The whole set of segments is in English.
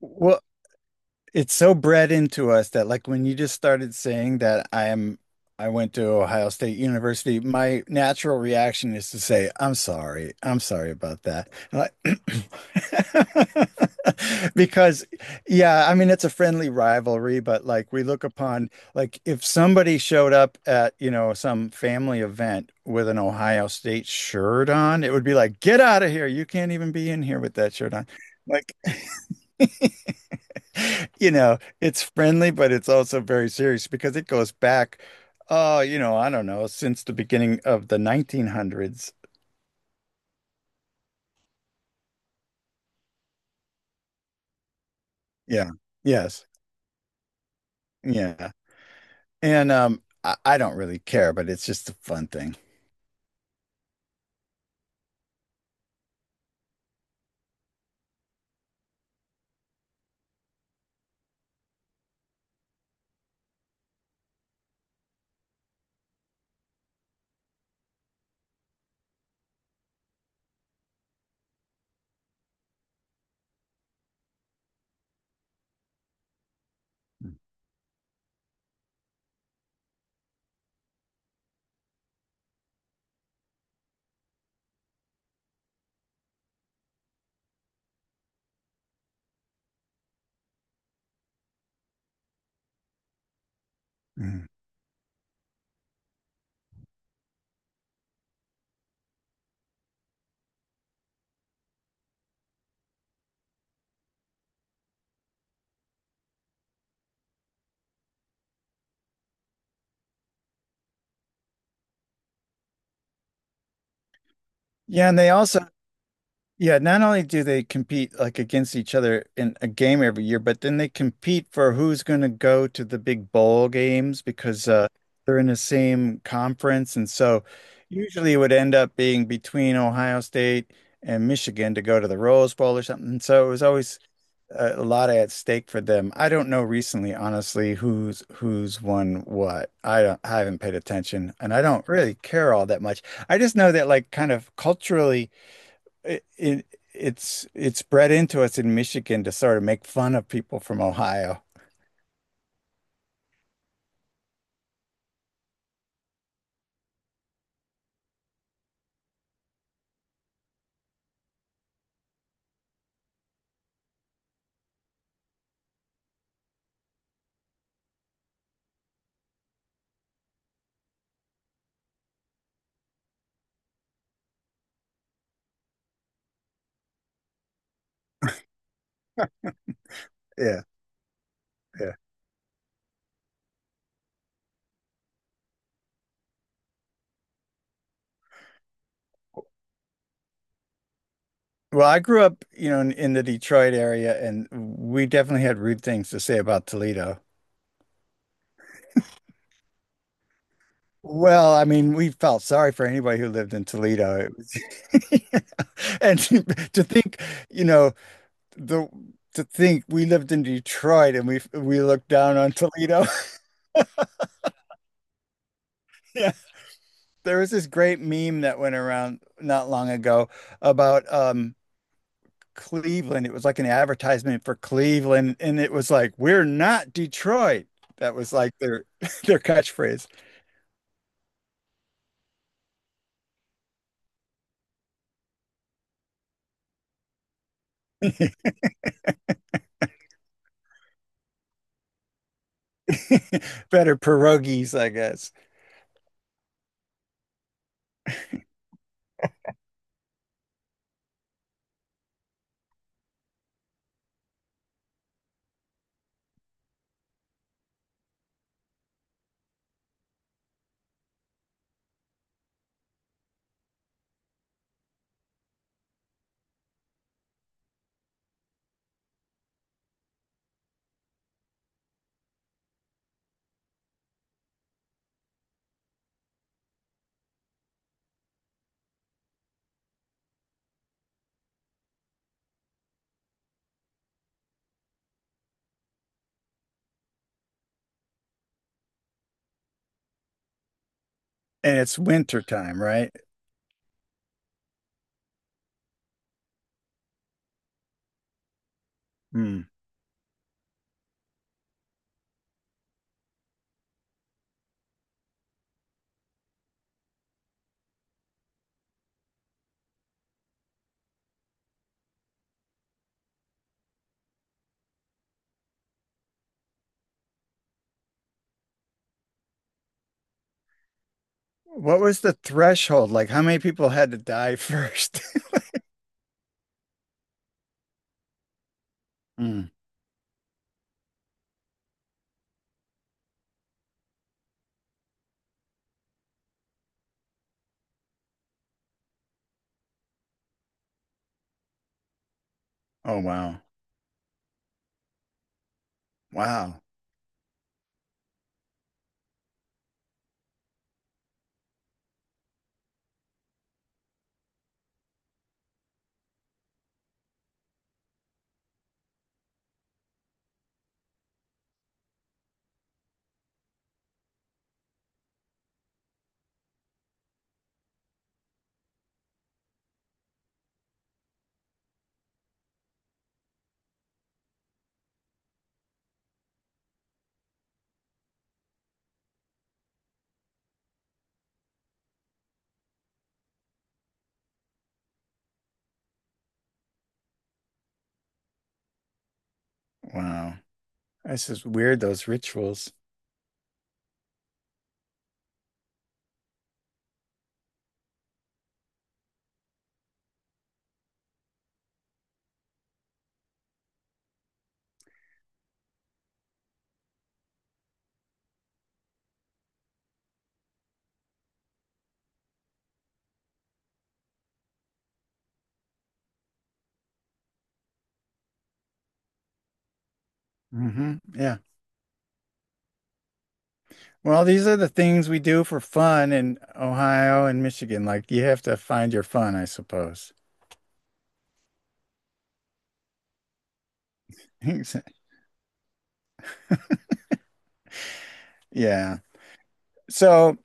Well, it's so bred into us that like when you just started saying that I went to Ohio State University, my natural reaction is to say, I'm sorry. I'm sorry about that. Because yeah, I mean it's a friendly rivalry, but like we look upon like if somebody showed up at, you know, some family event with an Ohio State shirt on, it would be like, get out of here. You can't even be in here with that shirt on. Like You know, it's friendly, but it's also very serious because it goes back, oh, you know, I don't know, since the beginning of the 1900s. Yeah. Yes. Yeah. And I don't really care, but it's just a fun thing. Mhm. Yeah, and they also yeah, not only do they compete like against each other in a game every year, but then they compete for who's going to go to the big bowl games because they're in the same conference. And so usually it would end up being between Ohio State and Michigan to go to the Rose Bowl or something. So it was always a lot at stake for them. I don't know recently, honestly, who's won what. I don't, I haven't paid attention and I don't really care all that much. I just know that like kind of culturally it, it it's bred into us in Michigan to sort of make fun of people from Ohio. Yeah, yeah. Well, I grew up, you know, in the Detroit area, and we definitely had rude things to say about Toledo. Well, I mean, we felt sorry for anybody who lived in Toledo. It was- And to think, you know, the to think we lived in Detroit and we looked down on Toledo. Yeah. There was this great meme that went around not long ago about Cleveland. It was like an advertisement for Cleveland and it was like, "We're not Detroit." That was like their their catchphrase. Better pierogies, I guess. And it's winter time, right? Hmm. What was the threshold? Like how many people had to die first? Hmm. Oh wow. Wow. Wow. It's just weird, those rituals. Hmm. Yeah. Well, these are the things we do for fun in Ohio and Michigan. Like you have to find your fun, I suppose. Yeah. So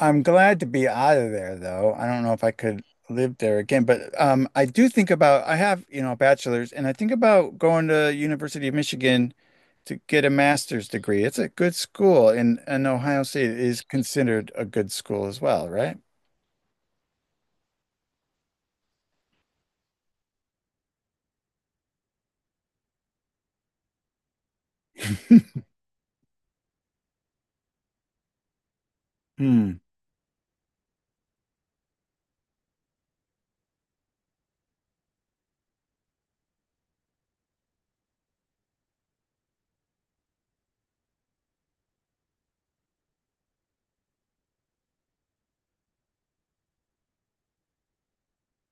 I'm glad to be out of there, though. I don't know if I could live there again, but I do think about I have, you know, a bachelor's, and I think about going to University of Michigan to get a master's degree. It's a good school, and Ohio State is considered a good school as well, right? Hmm.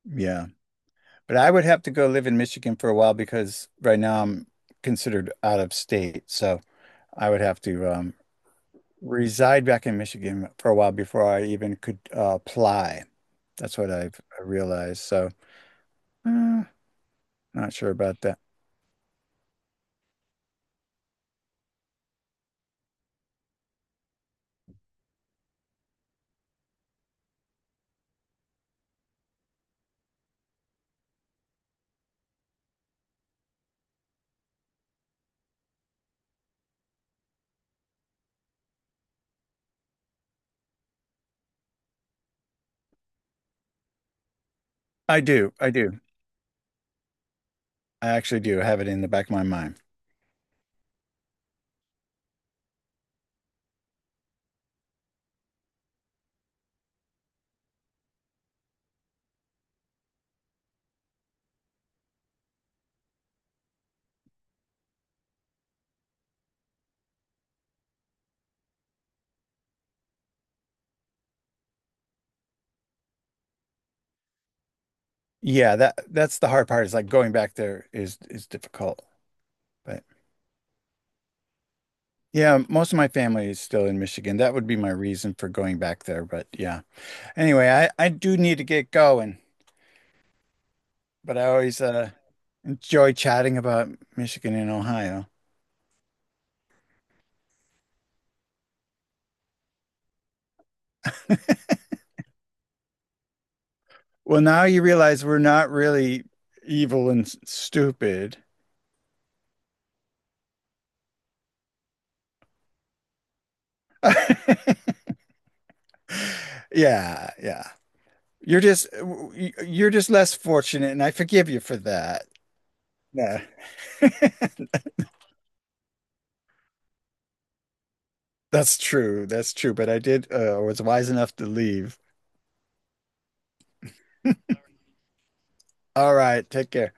Yeah. But I would have to go live in Michigan for a while because right now I'm considered out of state. So I would have to reside back in Michigan for a while before I even could apply. That's what I realized. So uh, not sure about that. I do. I do. I actually do have it in the back of my mind. Yeah, that that's the hard part is like going back there is difficult. But yeah, most of my family is still in Michigan. That would be my reason for going back there. But yeah. Anyway, I do need to get going. But I always enjoy chatting about Michigan and Ohio. Well, now you realize we're not really evil and stupid. Yeah, yeah. You're just you're just less fortunate, and I forgive you for that. Yeah, that's true. That's true. But I did was wise enough to leave. All right, take care.